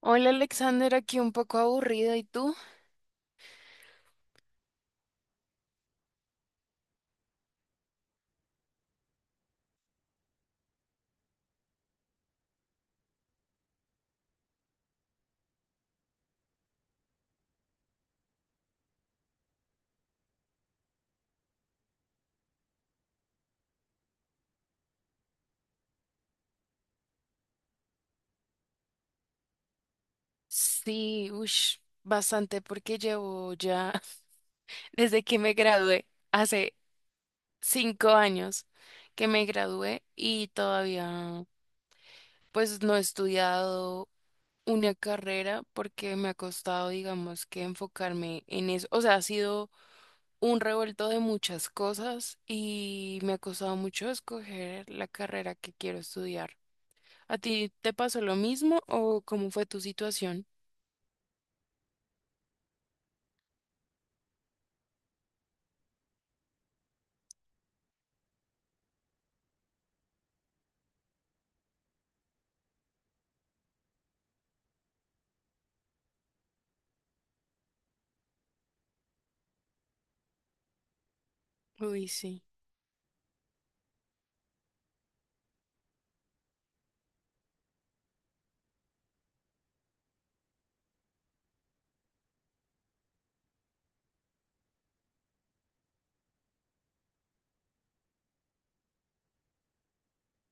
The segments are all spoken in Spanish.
Hola Alexander, aquí un poco aburrido. ¿Y tú? Sí, ush, bastante porque llevo ya desde que me gradué, hace 5 años que me gradué y todavía pues no he estudiado una carrera porque me ha costado, digamos, que enfocarme en eso. O sea, ha sido un revuelto de muchas cosas y me ha costado mucho escoger la carrera que quiero estudiar. ¿A ti te pasó lo mismo o cómo fue tu situación? Uy, sí.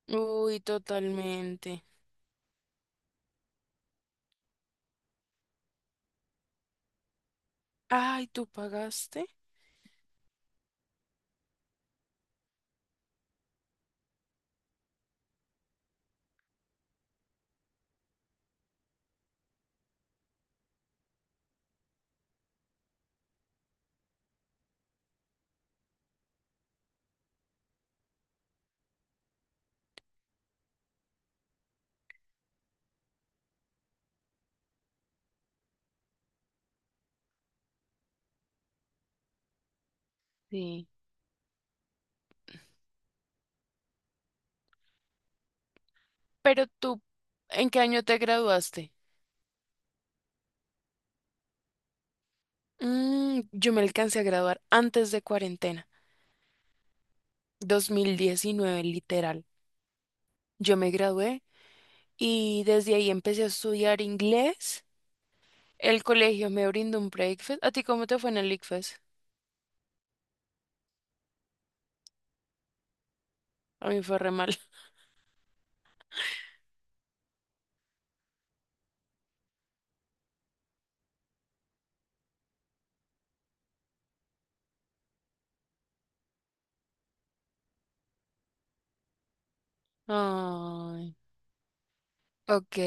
Uy, totalmente. Ay, ¿tú pagaste? Sí. Pero tú, ¿en qué año te graduaste? Yo me alcancé a graduar antes de cuarentena, 2019 literal. Yo me gradué y desde ahí empecé a estudiar inglés. El colegio me brindó un breakfast. ¿A ti cómo te fue en el ICFES? A mí fue re mal. Ay, ok.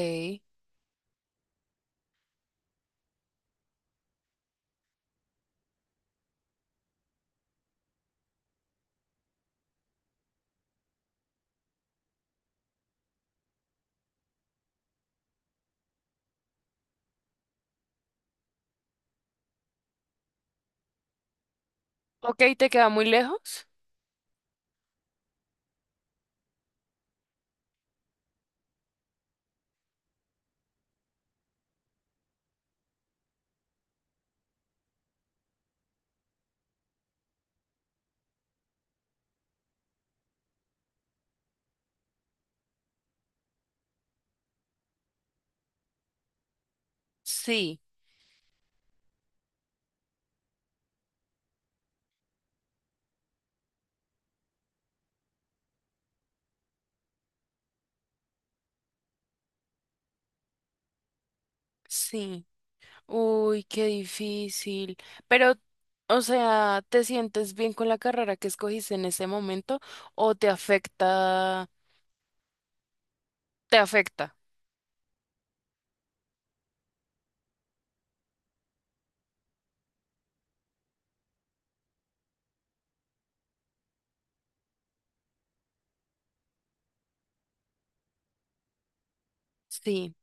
Ok, ¿te queda muy lejos? Sí, sí. Uy, qué difícil. Pero, o sea, ¿te sientes bien con la carrera que escogiste en ese momento o te afecta? Te afecta. Sí.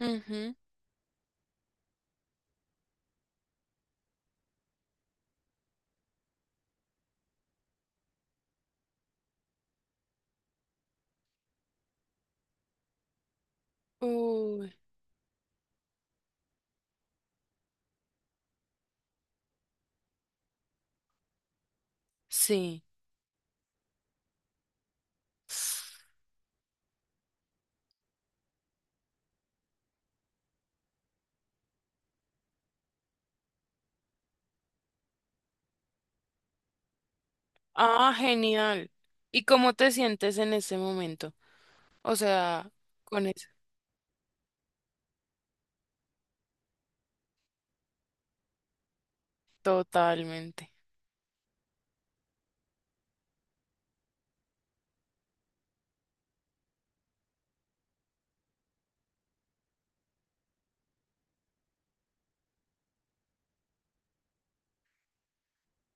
Ujú. Uy, sí. Ah, genial. ¿Y cómo te sientes en ese momento? O sea, con eso. Totalmente.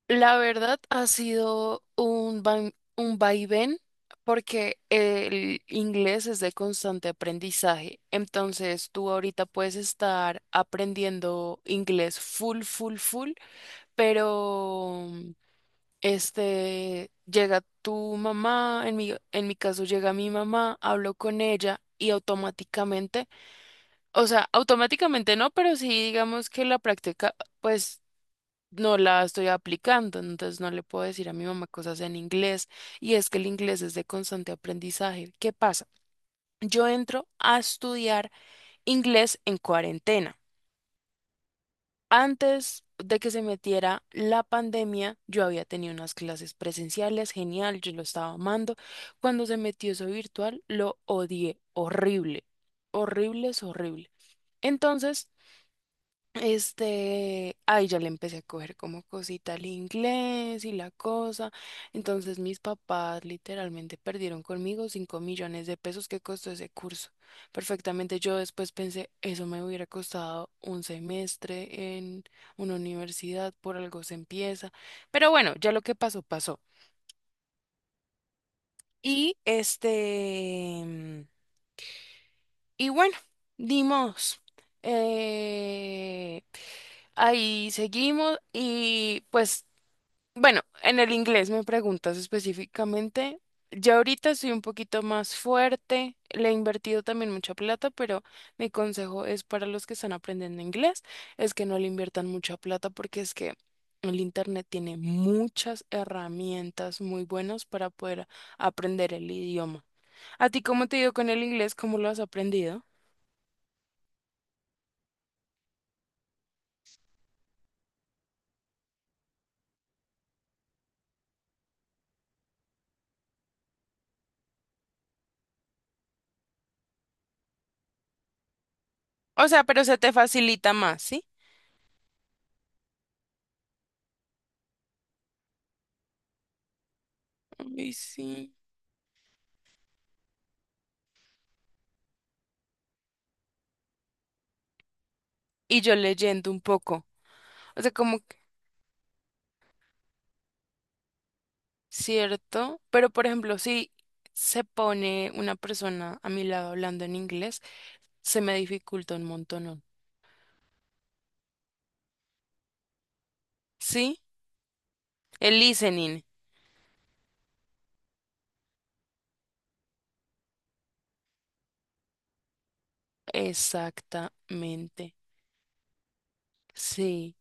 La verdad ha sido un vaivén porque el inglés es de constante aprendizaje. Entonces tú ahorita puedes estar aprendiendo inglés full, full, full, pero llega tu mamá, en mi caso llega mi mamá, hablo con ella y automáticamente, o sea, automáticamente no, pero sí digamos que la práctica pues no la estoy aplicando, entonces no le puedo decir a mi mamá cosas en inglés. Y es que el inglés es de constante aprendizaje. ¿Qué pasa? Yo entro a estudiar inglés en cuarentena. Antes de que se metiera la pandemia, yo había tenido unas clases presenciales, genial, yo lo estaba amando. Cuando se metió eso virtual, lo odié, horrible, horrible es horrible. Entonces, ahí ya le empecé a coger como cosita al inglés y la cosa. Entonces mis papás literalmente perdieron conmigo 5 millones de pesos que costó ese curso. Perfectamente yo después pensé, eso me hubiera costado un semestre en una universidad, por algo se empieza. Pero bueno, ya lo que pasó, pasó. Y este, mm, y bueno, dimos. Eh, Ahí seguimos y pues, bueno, en el inglés me preguntas específicamente. Ya ahorita soy un poquito más fuerte, le he invertido también mucha plata, pero mi consejo es para los que están aprendiendo inglés, es que no le inviertan mucha plata porque es que el internet tiene muchas herramientas muy buenas para poder aprender el idioma. ¿A ti cómo te ha ido con el inglés? ¿Cómo lo has aprendido? O sea, pero se te facilita más, ¿sí? Ay, sí. Y yo leyendo un poco. O sea, como cierto, pero por ejemplo, si se pone una persona a mi lado hablando en inglés, se me dificulta un montón. ¿Sí? El listening. Exactamente. Sí,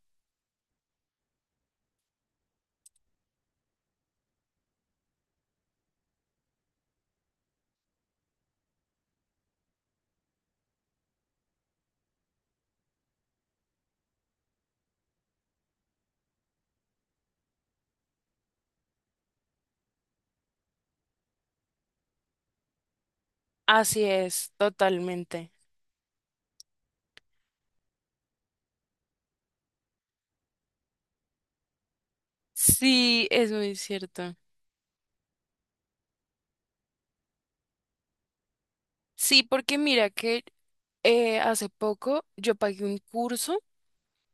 así es, totalmente. Sí, es muy cierto. Sí, porque mira que hace poco yo pagué un curso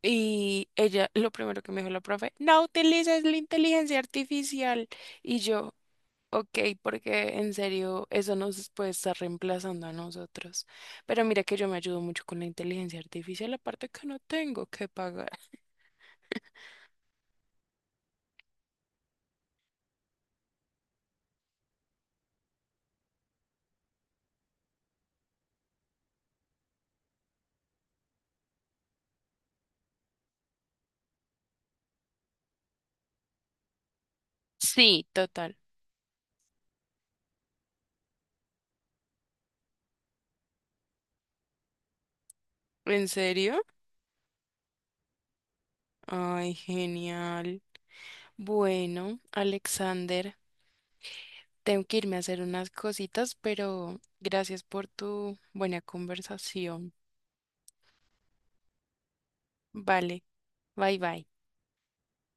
y ella, lo primero que me dijo la profe, no utilices la inteligencia artificial. Y yo, ok, porque en serio eso nos puede estar reemplazando a nosotros. Pero mira que yo me ayudo mucho con la inteligencia artificial, aparte que no tengo que pagar. Sí, total. ¿En serio? Ay, genial. Bueno, Alexander, tengo que irme a hacer unas cositas, pero gracias por tu buena conversación. Vale, bye bye.